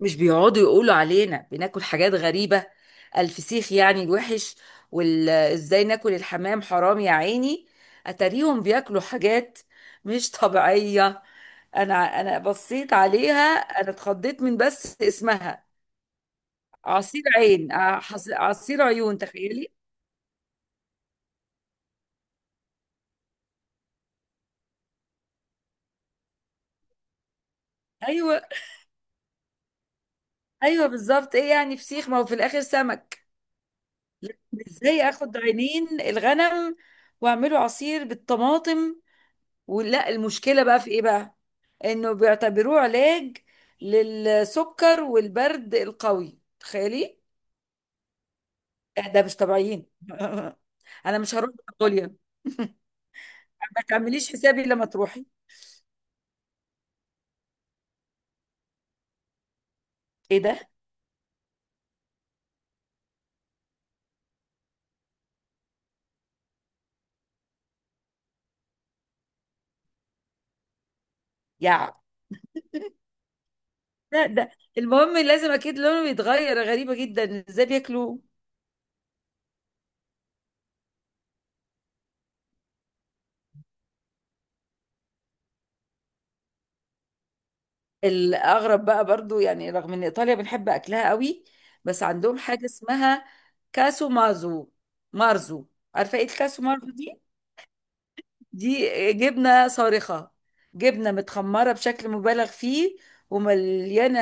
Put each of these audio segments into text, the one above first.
مش بيقعدوا يقولوا علينا بناكل حاجات غريبة. الفسيخ يعني الوحش. وازاي ناكل الحمام؟ حرام يا عيني. اتاريهم بياكلوا حاجات مش طبيعية. انا انا بصيت عليها. انا اتخضيت من بس اسمها. عصير عين ع- حص- عصير عيون، تخيلي! ايوه، ايوه، بالظبط. ايه يعني فسيخ؟ ما هو في الاخر سمك. ازاي اخد عينين الغنم واعمله عصير بالطماطم؟ ولا المشكلة بقى في ايه بقى؟ انه بيعتبروه علاج للسكر والبرد القوي، تخيلي! ده مش طبيعيين. انا مش هروح منغوليا. ما تعمليش حسابي لما تروحي. ايه ده؟ يا ده المهم، لازم اكيد لونه يتغير. غريبة جدا ازاي بياكلوا. الاغرب بقى برضو، يعني رغم ان ايطاليا بنحب اكلها قوي، بس عندهم حاجة اسمها كاسو مارزو. عارفة ايه الكاسو مارزو دي؟ دي جبنة صارخة، جبنة متخمرة بشكل مبالغ فيه، ومليانة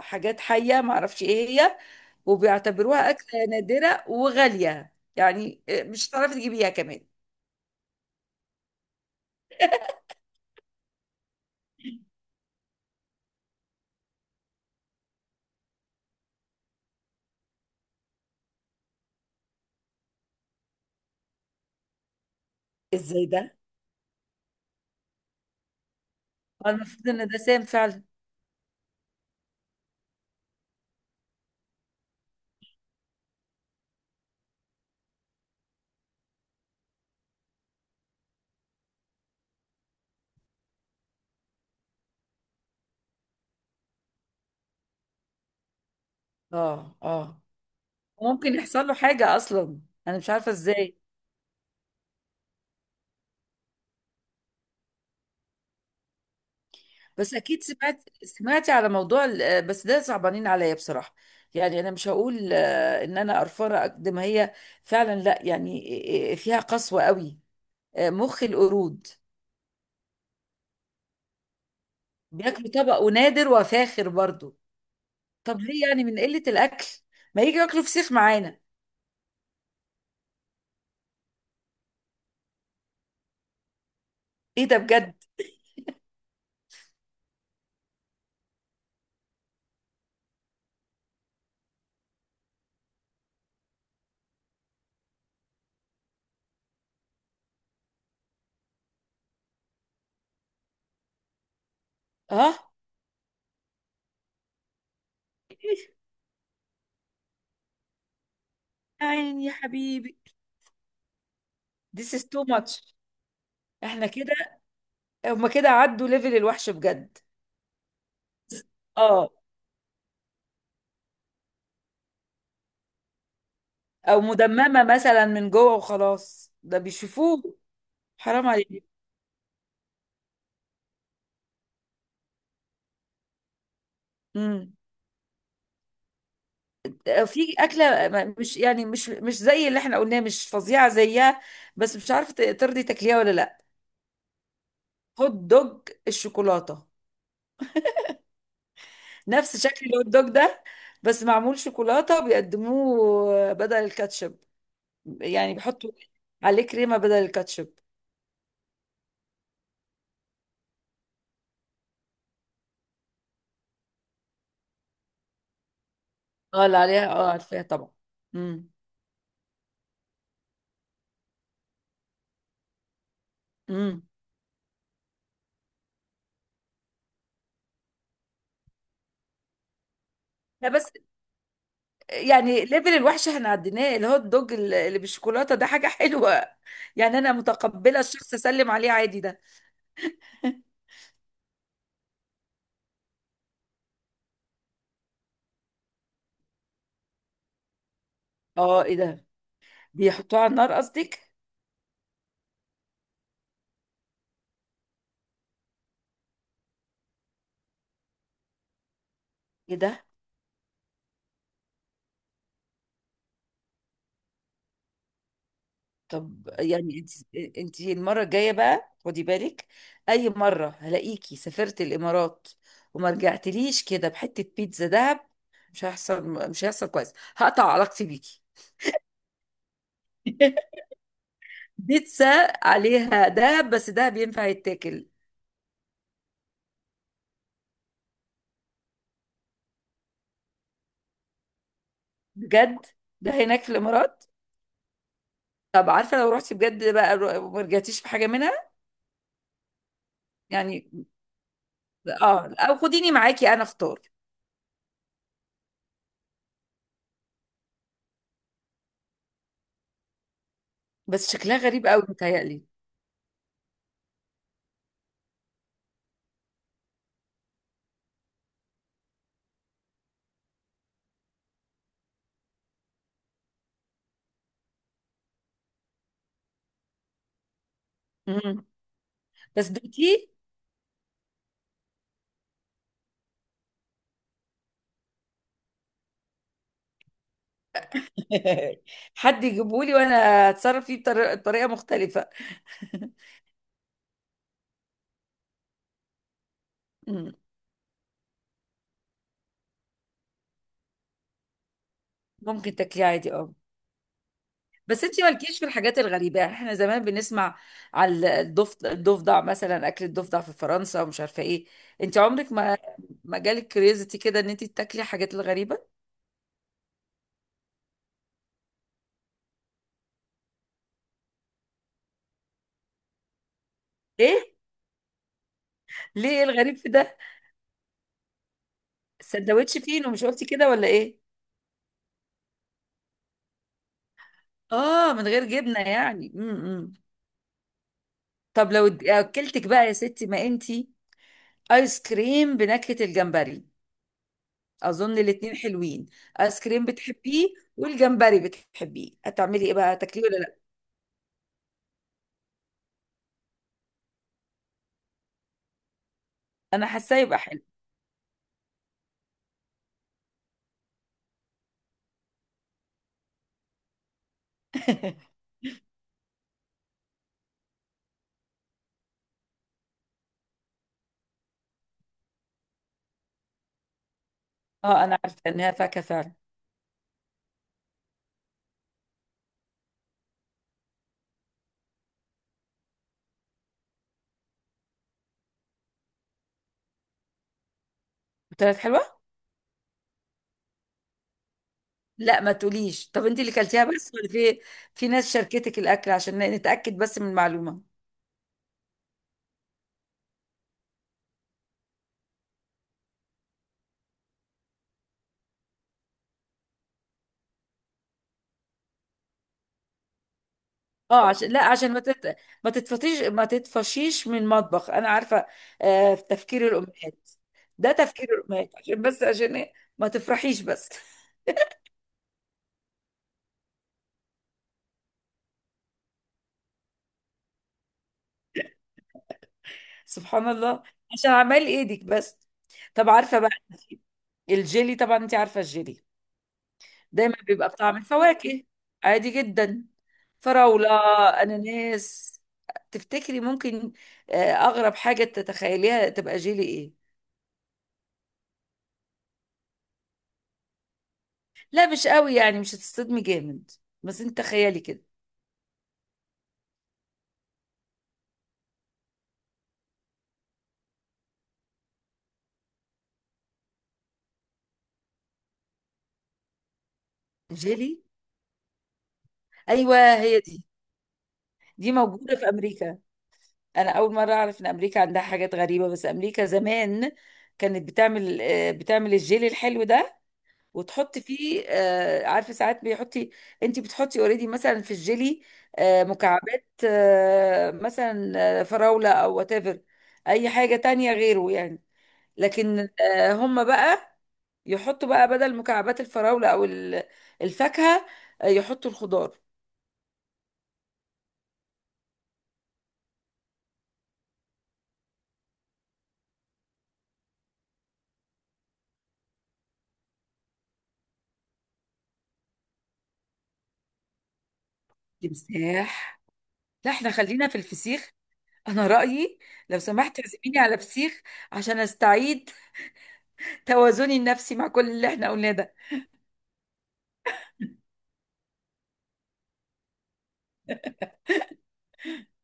حاجات حية معرفش ايه هي. وبيعتبروها أكلة نادرة وغالية، يعني مش هتعرفي تجيبيها كمان. ازاي ده؟ المفروض ان ده سام فعلا. اه، اه، ممكن يحصل له حاجة اصلا. انا مش عارفة ازاي. بس اكيد سمعت سمعتي على موضوع بس ده صعبانين عليا بصراحه. يعني انا مش هقول ان انا قرفانه قد ما هي فعلا، لا يعني، فيها قسوه قوي. مخ القرود بياكلوا، طبق ونادر وفاخر برضو. طب ليه؟ يعني من قله الاكل ما يجي ياكلوا فسيخ معانا. ايه ده بجد! اه، يا عيني يا حبيبي. This is too much. احنا كده، هما كده عدوا ليفل الوحش بجد. اه، او مدممه مثلا من جوه وخلاص ده بيشوفوه. حرام عليك. امم في اكله مش يعني مش زي اللي احنا قلناه، مش فظيعه زيها. بس مش عارفه ترضي تاكليها ولا لا؟ هوت دوج الشوكولاته. نفس شكل الهوت دوج ده، بس معمول شوكولاته، بيقدموه بدل الكاتشب. يعني بيحطوا عليه كريمه بدل الكاتشب. اه، اللي عليها، اه، عارفاها طبعا. امم، امم، لا بس، يعني ليفل الوحش احنا عديناه. الهوت دوج اللي بالشوكولاته ده حاجه حلوه، يعني انا متقبله الشخص اسلم عليه عادي ده. اه، ايه ده؟ بيحطوه على النار قصدك؟ ايه ده؟ طب يعني انت المره الجايه بقى خدي بالك. اي مره هلاقيكي سافرت الامارات وما رجعتليش كده بحته بيتزا دهب، مش هيحصل، مش هيحصل. كويس، هقطع علاقتي بيكي. بيتزا عليها دهب؟ بس دهب ينفع يتاكل؟ بجد؟ ده هناك في الامارات؟ طب عارفه، لو رحتي بجد بقى وما رجعتيش بحاجه منها، يعني اه، او خديني معاكي انا اختار. بس شكلها غريب قوي متهيألي. مم. بس دوتي؟ حد يجيبهولي وانا اتصرف فيه بطريقه مختلفه. مم. ممكن تاكليه عادي، اه. بس انتي مالكيش في الحاجات الغريبه؟ يعني احنا زمان بنسمع على الضفدع، الضفدع مثلا، اكل الضفدع في فرنسا ومش عارفه ايه. انتي عمرك ما جالك كريزتي كده ان انتي تاكلي الحاجات الغريبه؟ ايه؟ ليه؟ إيه الغريب في ده؟ السندوتش فين ومش قلتي كده ولا ايه؟ اه، من غير جبنه يعني. امم. طب لو اكلتك بقى يا ستي ما انت، ايس كريم بنكهة الجمبري. اظن الاتنين حلوين. ايس كريم بتحبيه، والجمبري بتحبيه، هتعملي ايه بقى؟ تاكليه ولا لا؟ انا حاساه يبقى حلو. اه، انا عارفه انها فاكهه فعلا. طلعت حلوه؟ لا ما تقوليش. طب انت اللي كلتيها بس ولا في ناس شاركتك الاكل عشان نتاكد بس من المعلومه؟ اه، عشان لا، عشان ما تتفطيش ما تتفشيش من المطبخ انا عارفه. في تفكير الامهات. ده تفكير الامهات، عشان بس، عشان إيه؟ ما تفرحيش بس. سبحان الله، عشان اعمال ايدك بس. طب عارفه بقى الجيلي؟ طبعا انت عارفه الجيلي، دايما بيبقى بطعم الفواكه، عادي جدا: فراوله، اناناس. تفتكري ممكن اغرب حاجه تتخيليها تبقى جيلي ايه؟ لا مش قوي، يعني مش هتصدمي جامد، بس انت تخيلي كده: جيلي. ايوه، هي دي. دي موجوده في امريكا. انا اول مره اعرف ان امريكا عندها حاجات غريبه. بس امريكا زمان كانت بتعمل الجيلي الحلو ده، وتحطي فيه عارفه؟ ساعات بيحطي، انت بتحطي اوريدي مثلا في الجيلي مكعبات مثلا، فراوله او وات ايفر، اي حاجه تانية غيره يعني. لكن هم بقى يحطوا بقى بدل مكعبات الفراوله او الفاكهه، يحطوا الخضار. تمساح! لا، احنا خلينا في الفسيخ. انا رايي لو سمحت اعزميني على فسيخ عشان استعيد توازني النفسي مع كل اللي احنا قلناه ده.